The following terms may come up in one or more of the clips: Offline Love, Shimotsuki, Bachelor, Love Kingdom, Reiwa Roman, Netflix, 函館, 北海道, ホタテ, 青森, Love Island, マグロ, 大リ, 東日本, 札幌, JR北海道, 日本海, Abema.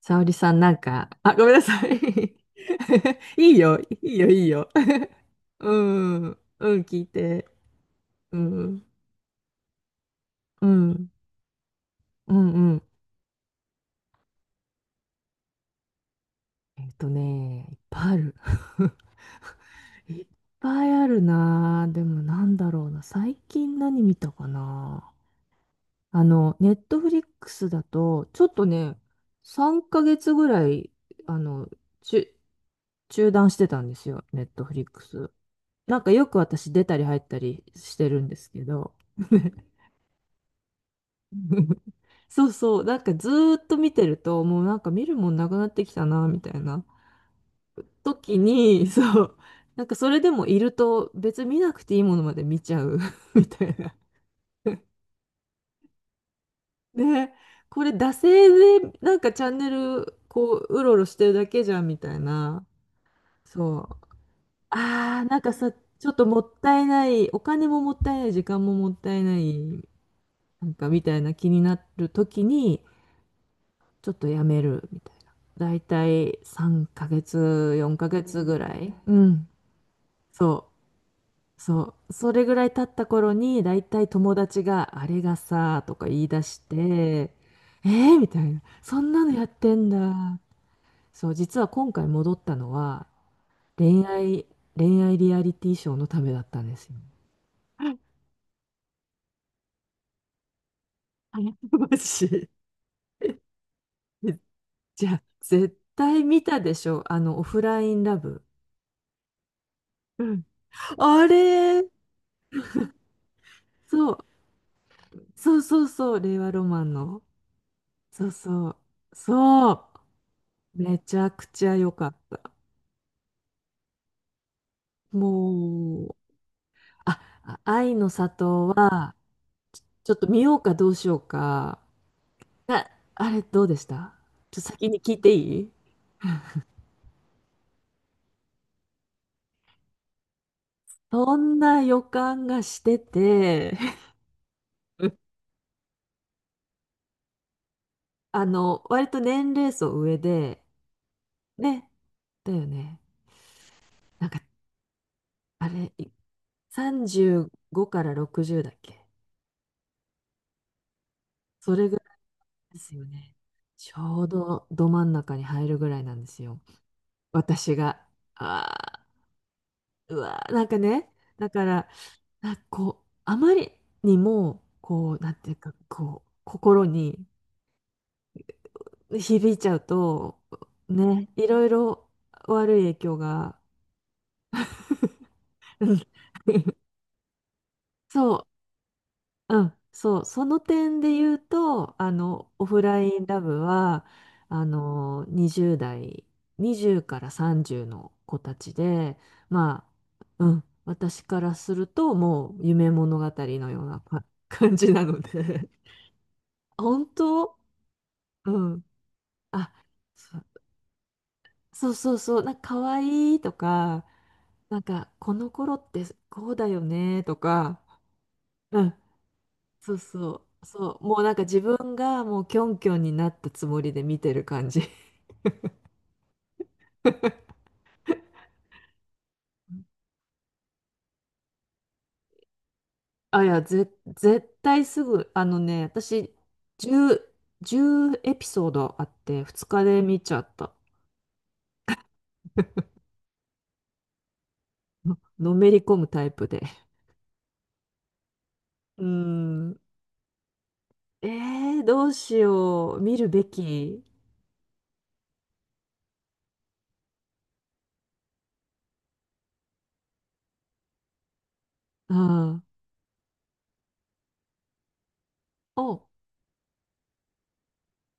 沙織さんなんか、あ、ごめんなさい。いいよ、いいよ、いいよ。うん、うん、聞いて。うん、うん、うん、うん。いっぱいある。いっぱいあるなぁ。でもなんだろうな。最近何見たかな。あの、ネットフリックスだと、ちょっとね、3ヶ月ぐらい、あの、ちゅ、中断してたんですよ。ネットフリックス。なんかよく私出たり入ったりしてるんですけど、そうそう、なんかずーっと見てると、もうなんか見るもんなくなってきたな、みたいな時に、そう、なんかそれでもいると別に見なくていいものまで見ちゃう みたいな。ね、これ惰性でなんかチャンネルこう、うろうろしてるだけじゃん、みたいな。そう。あー、なんかさ、ちょっともったいない、お金ももったいない、時間ももったいない、なんかみたいな気になる時にちょっとやめるみたいな。だいたい3ヶ月、4ヶ月ぐらい。うん。そう。そう。それぐらい経った頃にだいたい友達があれがさとか言い出して、えー、みたいな。そんなのやってんだ。そう、実は今回戻ったのは恋愛、恋愛リアリティショーのためだったんですよ。あマジ。じゃあ、絶対見たでしょ。あの、オフラインラブ。うん。あれ、そう、そうそうそう、令和ロマンの。そうそう、そう、めちゃくちゃ良かった。もう、あ、あ愛の里は、ちょっと見ようかどうしようか。あ、あれどうでした？ちょっと先に聞いていい？そんな予感がしてて、あの、割と年齢層上で、ね、だよね。なんか、あれ、35から60だっけ？それぐらいですよね。ちょうどど真ん中に入るぐらいなんですよ。私が。ああ、うわー、なんかね、だから、なんかこう、あまりにも、こう、なんていうか、こう、心に響いちゃうと、ね、いろいろ悪い影響が、うん そう、うん、そう、その点で言うと、あの、オフラインラブは、あの、20代、20から30の子たちで、まあ、うん、私からすると、もう夢物語のようなか 感じなので、本当うん。あ、そそうそうそう、なんか可愛いとか、なんか、この頃ってこうだよねとか、うん、そうそう、そう、もうなんか自分がもうキョンキョンになったつもりで見てる感じ。あ、いや、絶対すぐ、あのね、私、10、じゅうエピソードあって、2日で見ちゃった。のめり込むタイプで。うーん。えー、どうしよう。見るべき。うん。お、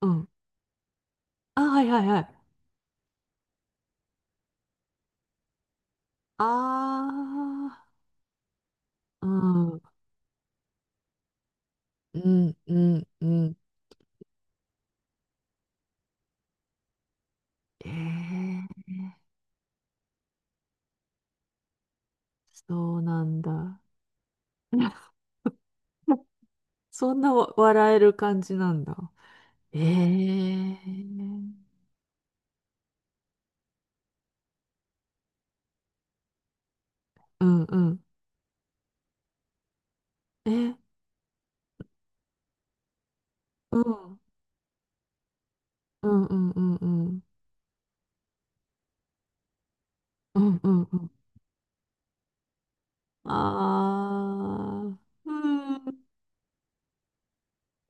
うん。あ、はいはいはい。あー、うん。うん、うん、うん。えー、そうなんだ。そんな笑える感じなんだ。ええ、うんうん。え、うん。うんうんうんうん。うんうんうん。あー。うん。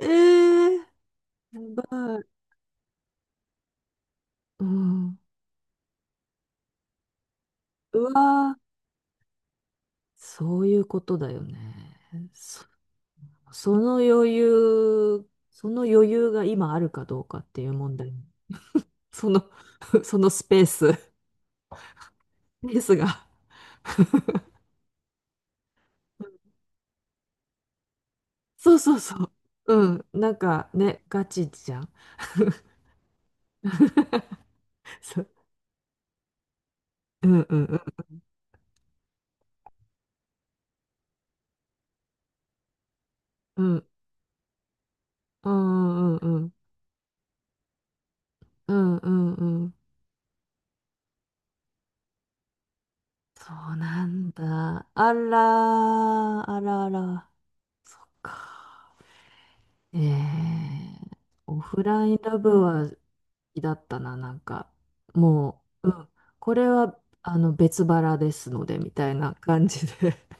ええ、やばい。うん。うわー。そういうことだよね。その余裕、その余裕が今あるかどうかっていう問題。その、そのスペースが。そうそうそう。うん。なんかね、ガチじゃん。そう。うんうんうん。うんうんうんうん。うんうんうん。そうなんだ。あらー、あらあら。そっか。ええ、オフラインラブは好きだったな、なんか。もう、うん。これは、あの、別腹ですので、みたいな感じで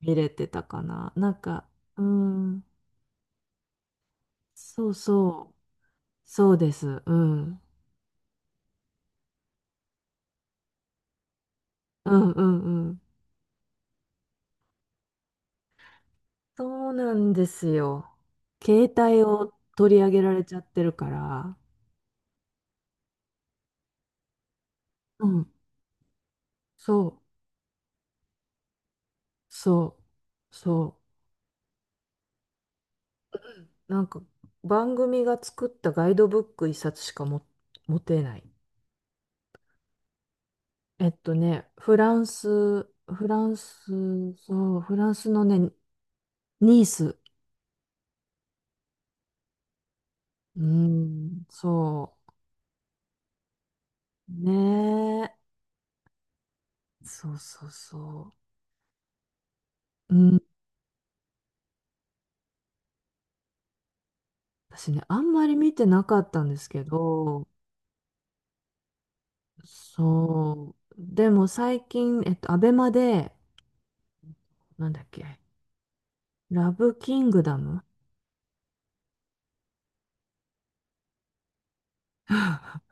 見れてたかな。なんか、うん。そうそう。そうです。うん。うんうんうん。そうなんですよ。携帯を取り上げられちゃってるから。うん。そう、そう、そう。なんか番組が作ったガイドブック一冊しかも持てない。フランス、そう、フランスのね、ニース。うん、そう。ねえ。そうそうそう。うん、私ね、あんまり見てなかったんですけど、そう。でも最近、アベマで、なんだっけ、ラブキングダム。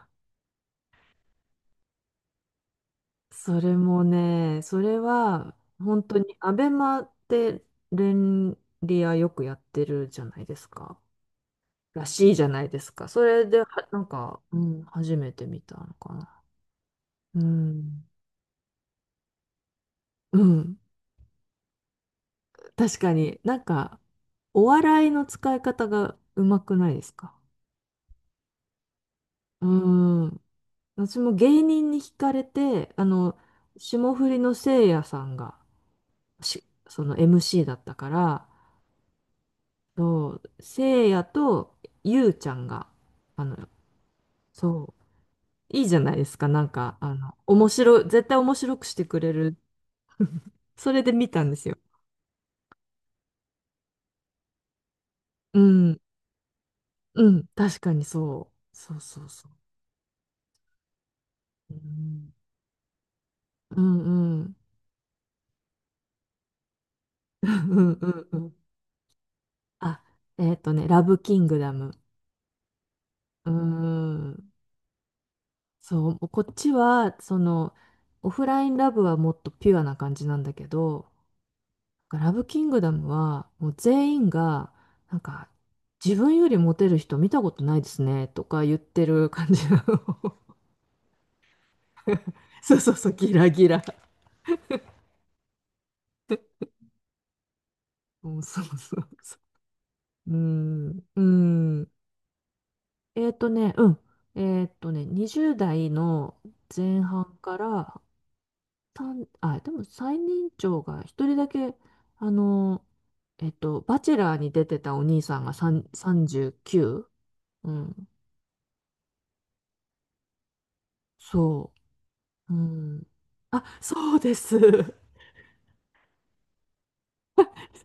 それもね、それは、本当に、アベマって連リアよくやってるじゃないですか。らしいじゃないですか。それで、なんか、うん、初めて見たのかな。うん。うん。確かになんか、お笑いの使い方がうまくないですか？うーん。私も芸人に惹かれて、あの、霜降りのせいやさんが、その MC だったから、そう、せいやとゆうちゃんが、あの、そう、いいじゃないですか。なんか、面白い、絶対面白くしてくれる。それで見たんですよ。うん、うん、確かにそう。そうそうそう。うん、うん、うん、うん、うん。うん、あ、ラブキングダム。うーん。そう、こっちは、オフラインラブはもっとピュアな感じなんだけど、ラブキングダムは、もう全員が、なんか、自分よりモテる人見たことないですね、とか言ってる感じなの。そうそうそう、ギラギラ。そうそうそうそう。うん、うん。うん。20代の前半からでも最年長が一人だけ、あの、バチェラーに出てたお兄さんが3 39？ うきゅううん。そう。うん。あ、そうです。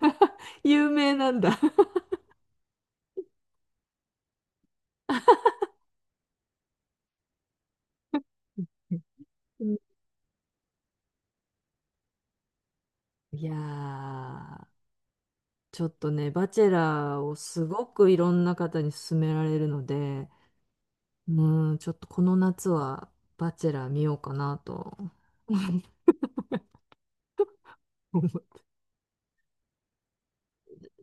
有名なんだ？うん、いやー、ちょっとね、バチェラーをすごくいろんな方に勧められるので、うん、ちょっとこの夏はバチェラー見ようかなと 思い、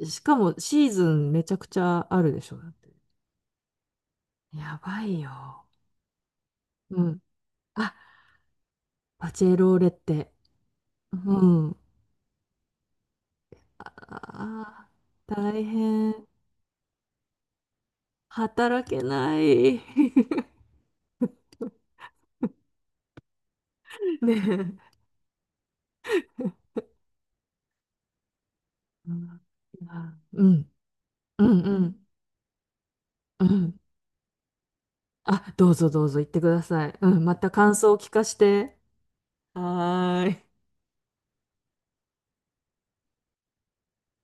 しかもシーズンめちゃくちゃあるでしょ、だって。やばいよ。うん。あ、パチェローレって。うん。ああー、大変。働けない。ねえ。うんうん、うん、うん。うん、あ、どうぞどうぞ言ってください。うん、また感想を聞かして。はーい。